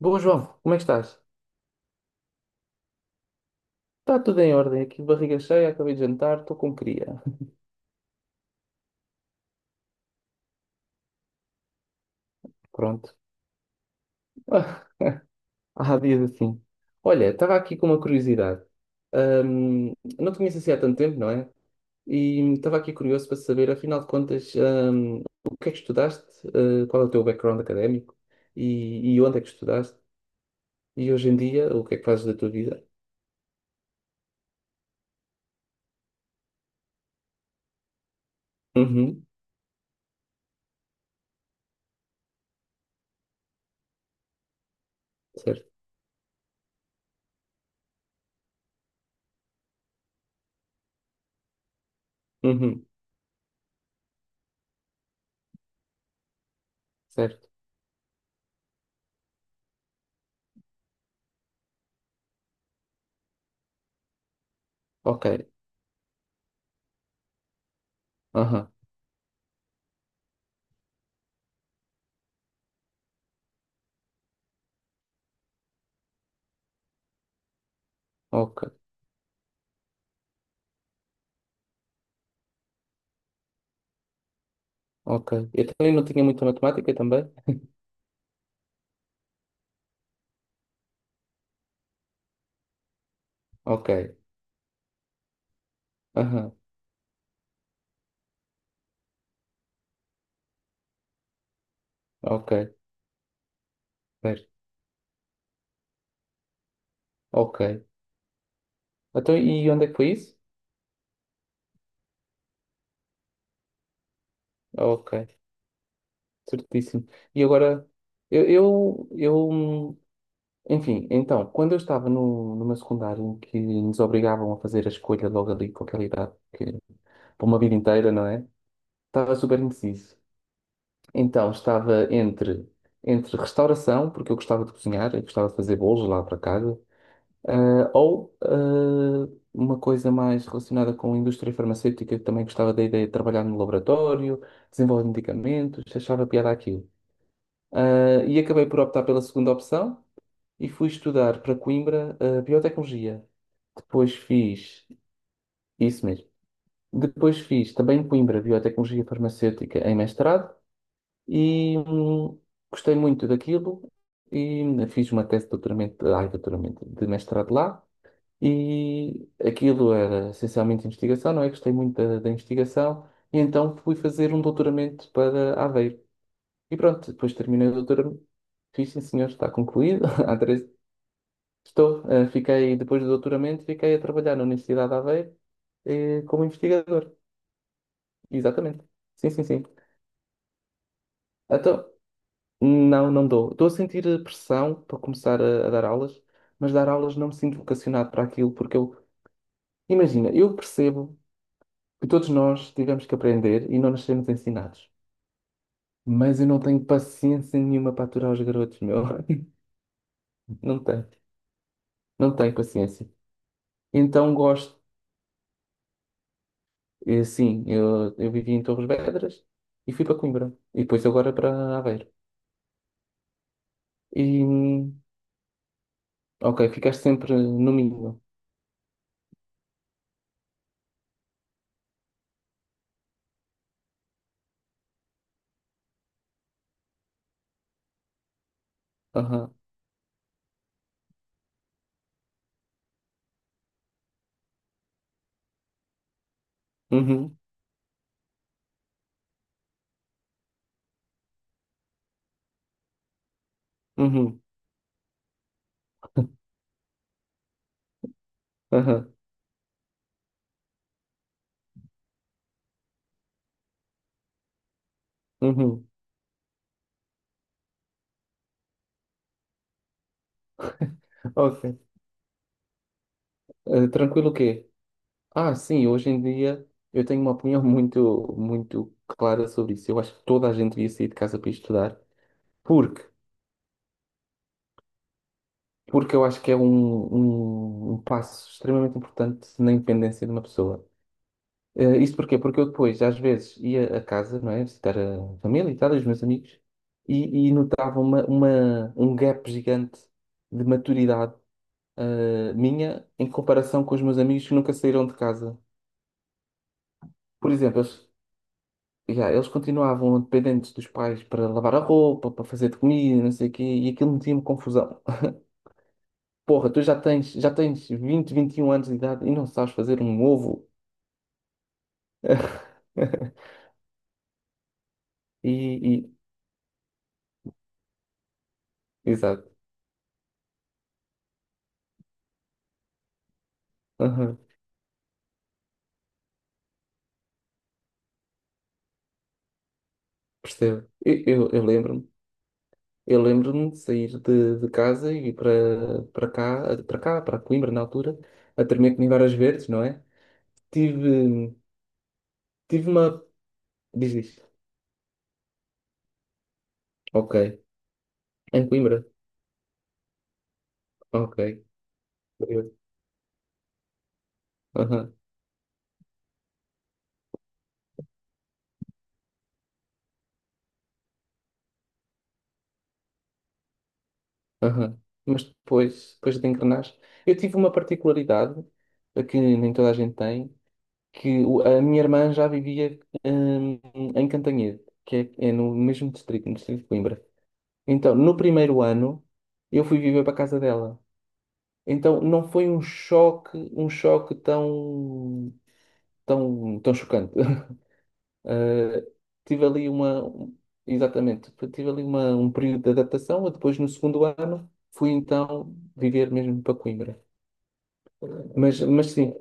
Bom, João, como é que estás? Está tudo em ordem, aqui barriga cheia, acabei de jantar, estou como queria. Pronto. Ah, há dias assim. Olha, estava aqui com uma curiosidade. Ahm, não te conheço assim há tanto tempo, não é? E estava aqui curioso para saber, afinal de contas, o que é que estudaste? Ah, qual é o teu background académico? E onde é que estudaste? E hoje em dia, o que é que fazes da tua vida? Uhum, certo. Uhum, certo. Ok. Aham, ok. Ok. Eu também não tinha muita matemática também. Ok. Aham, ok, ver, ok. Então, e onde é que foi isso? Ok, certíssimo. E agora, eu, eu, eu, enfim, então, quando eu estava no, numa secundária em que nos obrigavam a fazer a escolha logo ali com aquela idade, que, por uma vida inteira, não é? Estava super indeciso. Então, estava entre, entre restauração, porque eu gostava de cozinhar, eu gostava de fazer bolos lá para casa. Ah, ou ah, uma coisa mais relacionada com a indústria farmacêutica, que também gostava da ideia de trabalhar no laboratório, desenvolver medicamentos, achava piada aquilo. Ah, e acabei por optar pela segunda opção e fui estudar para Coimbra, ah, biotecnologia. Depois fiz, isso mesmo, depois fiz também em Coimbra biotecnologia farmacêutica em mestrado e gostei muito daquilo e fiz uma tese de doutoramento, ai, doutoramento, de mestrado lá. E aquilo era essencialmente investigação, não é? Gostei muito da investigação, e então fui fazer um doutoramento para Aveiro. E pronto, depois terminei o doutoramento. Fiz, sim, senhor, está concluído. Há três... Estou, fiquei, depois do doutoramento, fiquei a trabalhar na Universidade de Aveiro, como investigador. Exatamente. Sim, sim, sim. Então, não, não dou. Estou a sentir pressão para começar a dar aulas, mas dar aulas não me sinto vocacionado para aquilo, porque eu, imagina, eu percebo que todos nós tivemos que aprender e não nos sermos ensinados. Mas eu não tenho paciência nenhuma para aturar os garotos, meu. Não tenho. Não tenho paciência. Então gosto. E, sim, eu vivi em Torres Vedras e fui para Coimbra. E depois agora para Aveiro. E, ok, ficaste sempre no mínimo. Aham. Uhum. Uhum. Aham. Uhum. Ok. Eh, tranquilo o quê? Ah, sim, hoje em dia eu tenho uma opinião muito, muito clara sobre isso. Eu acho que toda a gente devia sair de casa para estudar. Porque, porque eu acho que é um passo extremamente importante na independência de uma pessoa. Eh, isto porquê? Porque eu depois, às vezes, ia a casa, não é? Visitar a família e tal, e os meus amigos, e notava um gap gigante de maturidade, minha em comparação com os meus amigos que nunca saíram de casa. Por exemplo, eles, yeah, eles continuavam dependentes dos pais para lavar a roupa, para fazer de comida, não sei o quê, e aquilo metia-me confusão. Porra, já tens 21 anos de idade e não sabes fazer um ovo. E, e- exato. Aham, percebo. Eu lembro-me. Eu lembro-me de sair de casa e ir para para Coimbra na altura, a tremer comigo Varas Verdes, não é? Tive, tive uma. Diz isto. Ok. Em Coimbra? Ok. Eu- Aham, aham. Mas depois, depois de engrenar, eu tive uma particularidade que nem toda a gente tem, que o- a minha irmã já vivia hum, em Cantanhede, que é, é no mesmo distrito, no distrito de Coimbra. Então, no primeiro ano, eu fui viver para a casa dela. Então, não foi um choque, um choque tão chocante. Eh, tive ali uma, exatamente, tive ali uma, um período de adaptação. E depois, no segundo ano, fui então viver mesmo para Coimbra. Mas sim,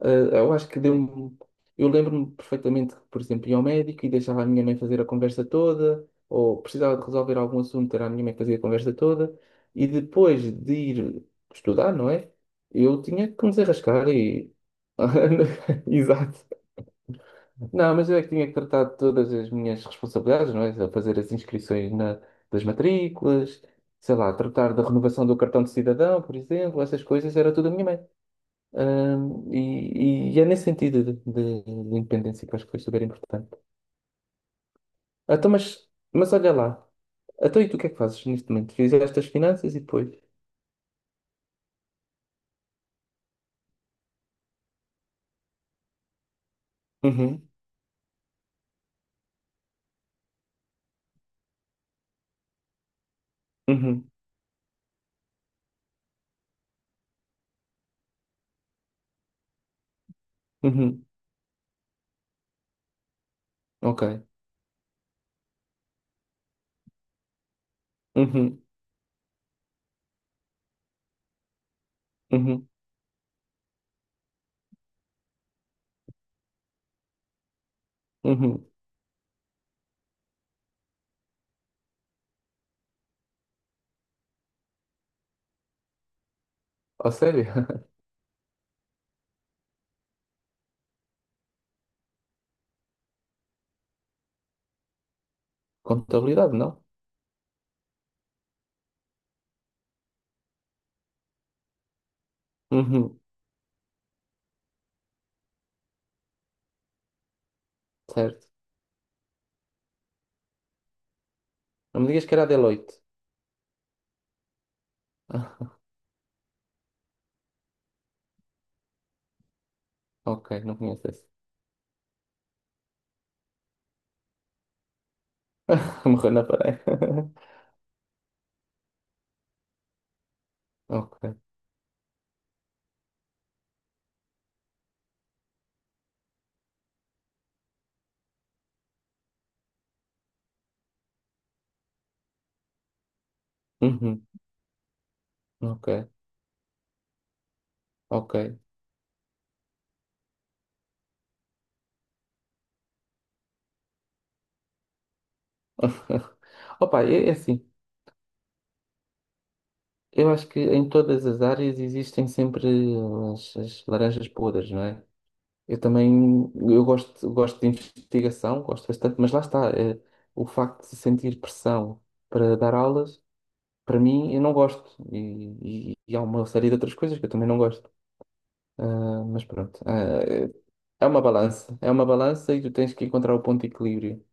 ah, eu acho que deu-me. Eu lembro-me perfeitamente que, por exemplo, ia ao médico e deixava a minha mãe fazer a conversa toda, ou precisava de resolver algum assunto, era a minha mãe que fazia a conversa toda, e depois de ir estudar, não é? Eu tinha que me desenrascar e. Exato. Não, mas eu é que tinha que tratar de todas as minhas responsabilidades, não é? A fazer as inscrições na- das matrículas, sei lá, tratar da renovação do cartão de cidadão, por exemplo, essas coisas, era tudo a minha mãe. E é nesse sentido de independência que eu acho que foi super importante. Ah, então, mas olha lá. Então, e tu o que é que fazes neste momento? Fizeste as finanças e depois? Uhum, uhum, uhum. Ok. Uhum, uhum, uhum. Oh, sério? Contabilidade, não? Uhum, certo. Não me digas que era a Deloitte. Ok, não conheço esse. Morreu na parede. Ok. Uhum, ok, ok. Opa, é, é assim. Eu acho que em todas as áreas existem sempre as, as laranjas podres, não é? Eu também eu gosto, gosto de investigação, gosto bastante, mas lá está, é, o facto de sentir pressão para dar aulas, para mim, eu não gosto. E há uma série de outras coisas que eu também não gosto. Mas pronto, ah, é é uma balança e tu tens que encontrar o ponto de equilíbrio.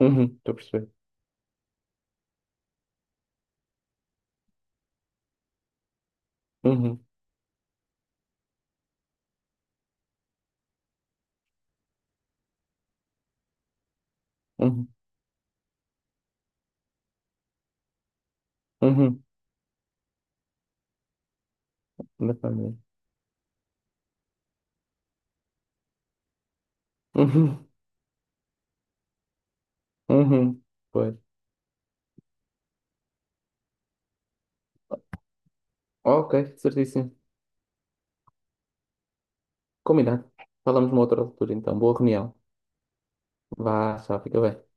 Uhum, estou a perceber. Uhum, uhum, uhum, na família. Uhum, uhum, pois. Ok, certíssimo. Combinado. Falamos numa outra altura, então. Boa reunião. Vá, tchau, fica bem.